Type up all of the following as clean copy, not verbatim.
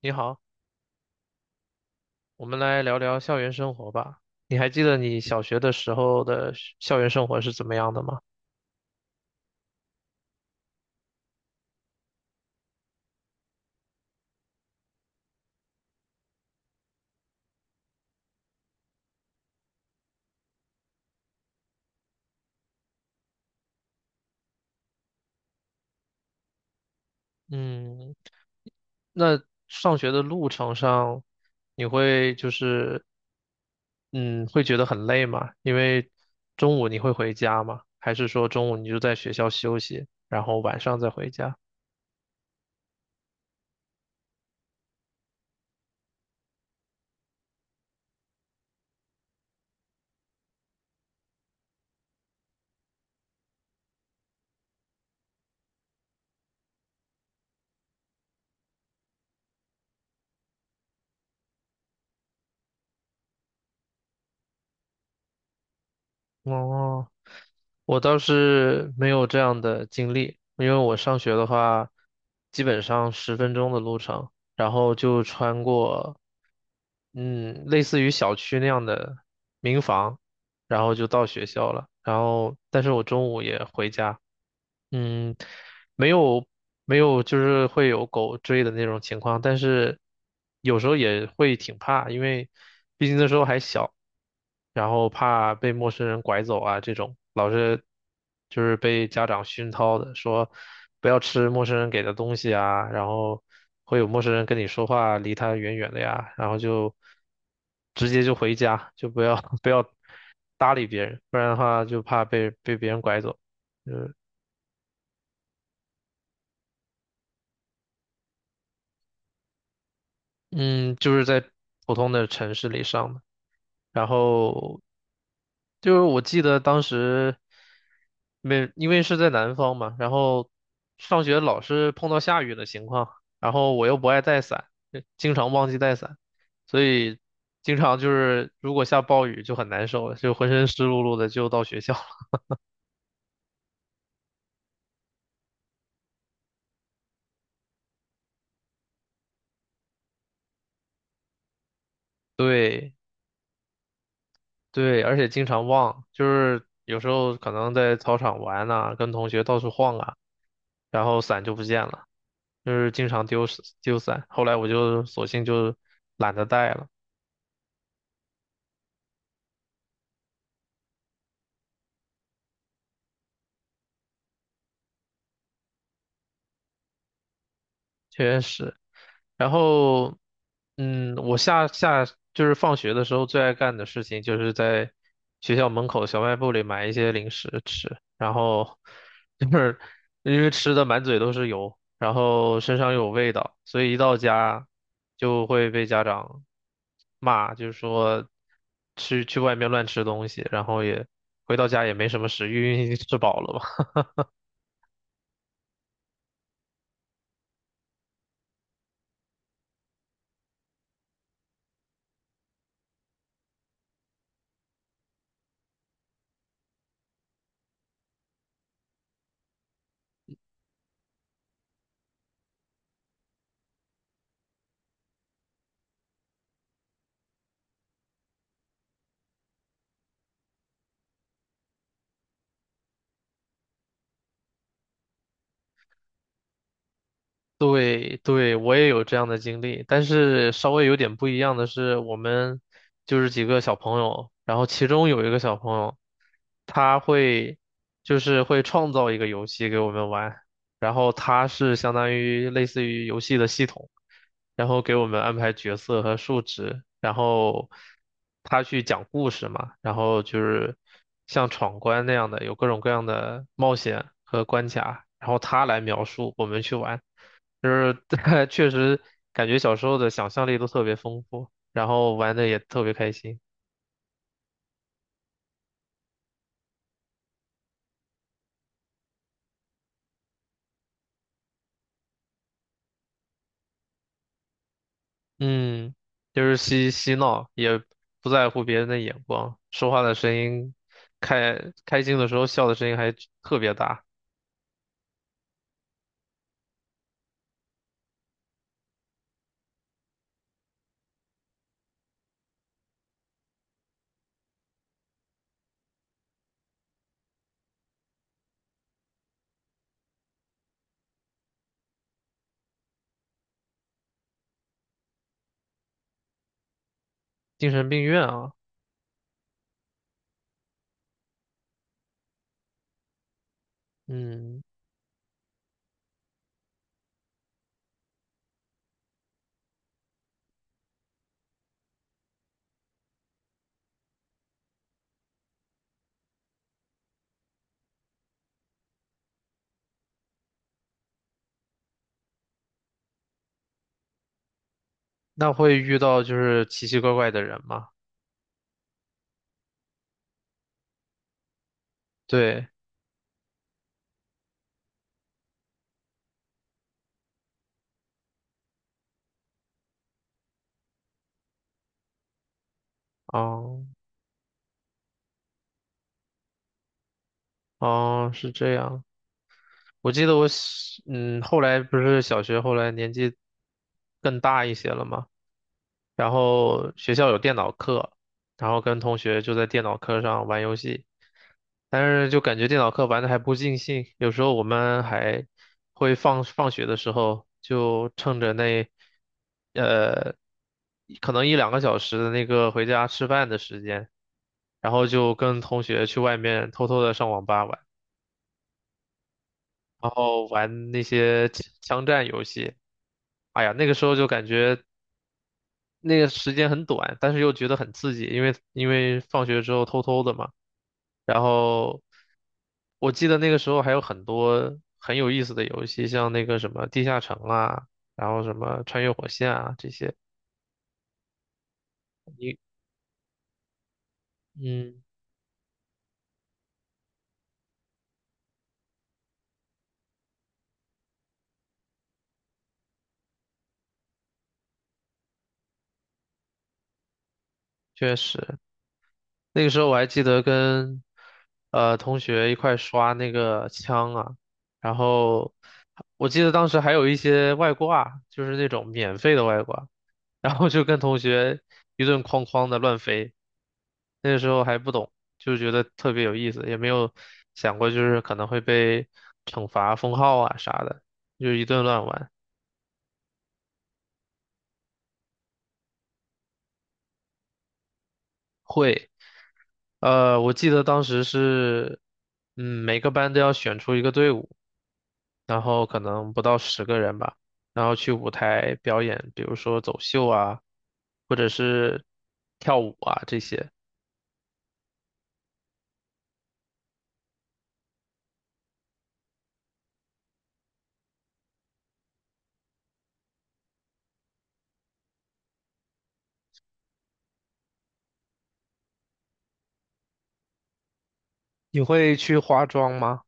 你好，我们来聊聊校园生活吧。你还记得你小学的时候的学校园生活是怎么样的吗？嗯，那上学的路程上，你会就是，嗯，会觉得很累吗？因为中午你会回家吗？还是说中午你就在学校休息，然后晚上再回家？哦。我倒是没有这样的经历，因为我上学的话，基本上10分钟的路程，然后就穿过，类似于小区那样的民房，然后就到学校了。然后，但是我中午也回家，嗯，没有没有，就是会有狗追的那种情况，但是有时候也会挺怕，因为毕竟那时候还小，然后怕被陌生人拐走啊，这种老是就是被家长熏陶的，说不要吃陌生人给的东西啊，然后会有陌生人跟你说话，离他远远的呀，然后就直接就回家，就不要 不要搭理别人，不然的话就怕被别人拐走。嗯，就是在普通的城市里上的，然后就是我记得当时没，因为是在南方嘛，然后上学老是碰到下雨的情况，然后我又不爱带伞，经常忘记带伞，所以经常就是如果下暴雨就很难受了，就浑身湿漉漉的就到学校了。对对，而且经常忘，就是有时候可能在操场玩呐、跟同学到处晃啊。然后伞就不见了，就是经常丢伞。后来我就索性就懒得带了，确实。然后，我下就是放学的时候最爱干的事情，就是在学校门口小卖部里买一些零食吃，然后就是因为吃的满嘴都是油，然后身上又有味道，所以一到家就会被家长骂，就是说去外面乱吃东西，然后也回到家也没什么食欲，因为吃饱了嘛。对对，我也有这样的经历，但是稍微有点不一样的是，我们就是几个小朋友，然后其中有一个小朋友，他会就是会创造一个游戏给我们玩，然后他是相当于类似于游戏的系统，然后给我们安排角色和数值，然后他去讲故事嘛，然后就是像闯关那样的，有各种各样的冒险和关卡，然后他来描述，我们去玩。就是 确实感觉小时候的想象力都特别丰富，然后玩的也特别开心。嗯，就是嬉嬉闹，也不在乎别人的眼光，说话的声音，开开心的时候笑的声音还特别大，精神病院啊。嗯，那会遇到就是奇奇怪怪的人吗？对，哦哦，是这样。我记得我小嗯，后来不是小学，后来年纪更大一些了嘛。然后学校有电脑课，然后跟同学就在电脑课上玩游戏，但是就感觉电脑课玩的还不尽兴，有时候我们还会放学的时候就趁着那呃可能一两个小时的那个回家吃饭的时间，然后就跟同学去外面偷偷的上网吧玩，然后玩那些枪战游戏。哎呀，那个时候就感觉那个时间很短，但是又觉得很刺激，因为放学之后偷偷的嘛。然后我记得那个时候还有很多很有意思的游戏，像那个什么地下城啊，然后什么穿越火线啊这些。你嗯，确实，那个时候我还记得跟同学一块刷那个枪啊，然后我记得当时还有一些外挂，就是那种免费的外挂。然后就跟同学一顿哐哐的乱飞。那个时候还不懂，就觉得特别有意思，也没有想过就是可能会被惩罚、封号啊啥的，就一顿乱玩。我记得当时是，每个班都要选出一个队伍，然后可能不到10个人吧，然后去舞台表演，比如说走秀啊，或者是跳舞啊这些。你会去化妆吗？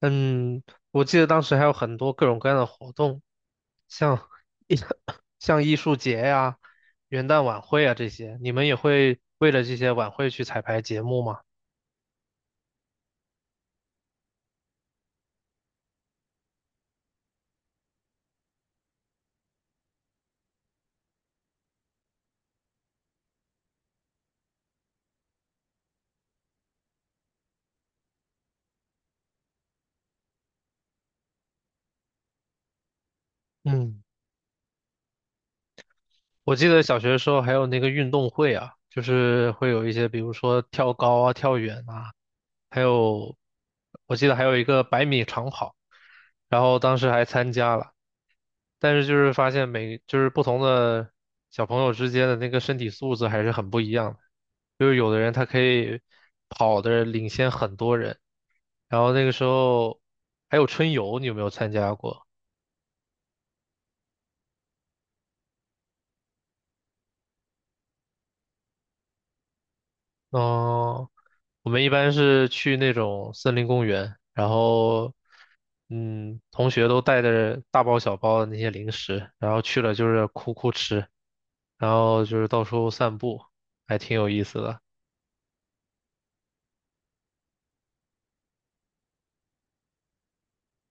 嗯，我记得当时还有很多各种各样的活动，像 像艺术节呀、元旦晚会啊这些，你们也会为了这些晚会去彩排节目吗？嗯，我记得小学的时候还有那个运动会啊，就是会有一些，比如说跳高啊、跳远啊，还有我记得还有一个100米长跑，然后当时还参加了，但是就是发现就是不同的小朋友之间的那个身体素质还是很不一样的。就是有的人他可以跑的领先很多人，然后那个时候还有春游，你有没有参加过？嗯，我们一般是去那种森林公园，然后同学都带着大包小包的那些零食，然后去了就是哭哭吃，然后就是到处散步，还挺有意思的。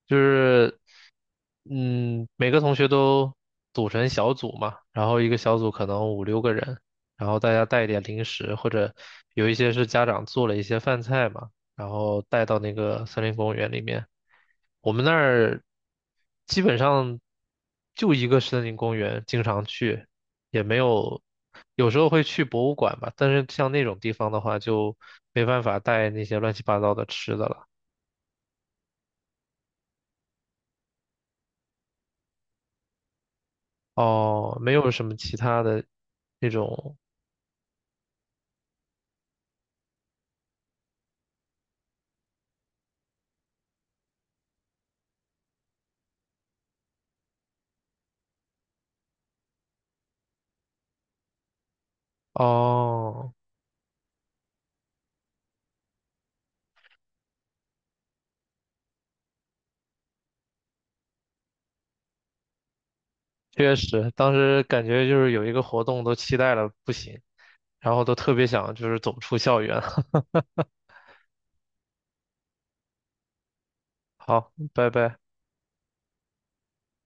就是，每个同学都组成小组嘛，然后一个小组可能五六个人，然后大家带一点零食，或者有一些是家长做了一些饭菜嘛，然后带到那个森林公园里面。我们那儿基本上就一个森林公园，经常去，也没有，有时候会去博物馆吧，但是像那种地方的话，就没办法带那些乱七八糟的吃的了。哦，没有什么其他的那种哦，确实，当时感觉就是有一个活动都期待了不行，然后都特别想就是走出校园。好，拜拜。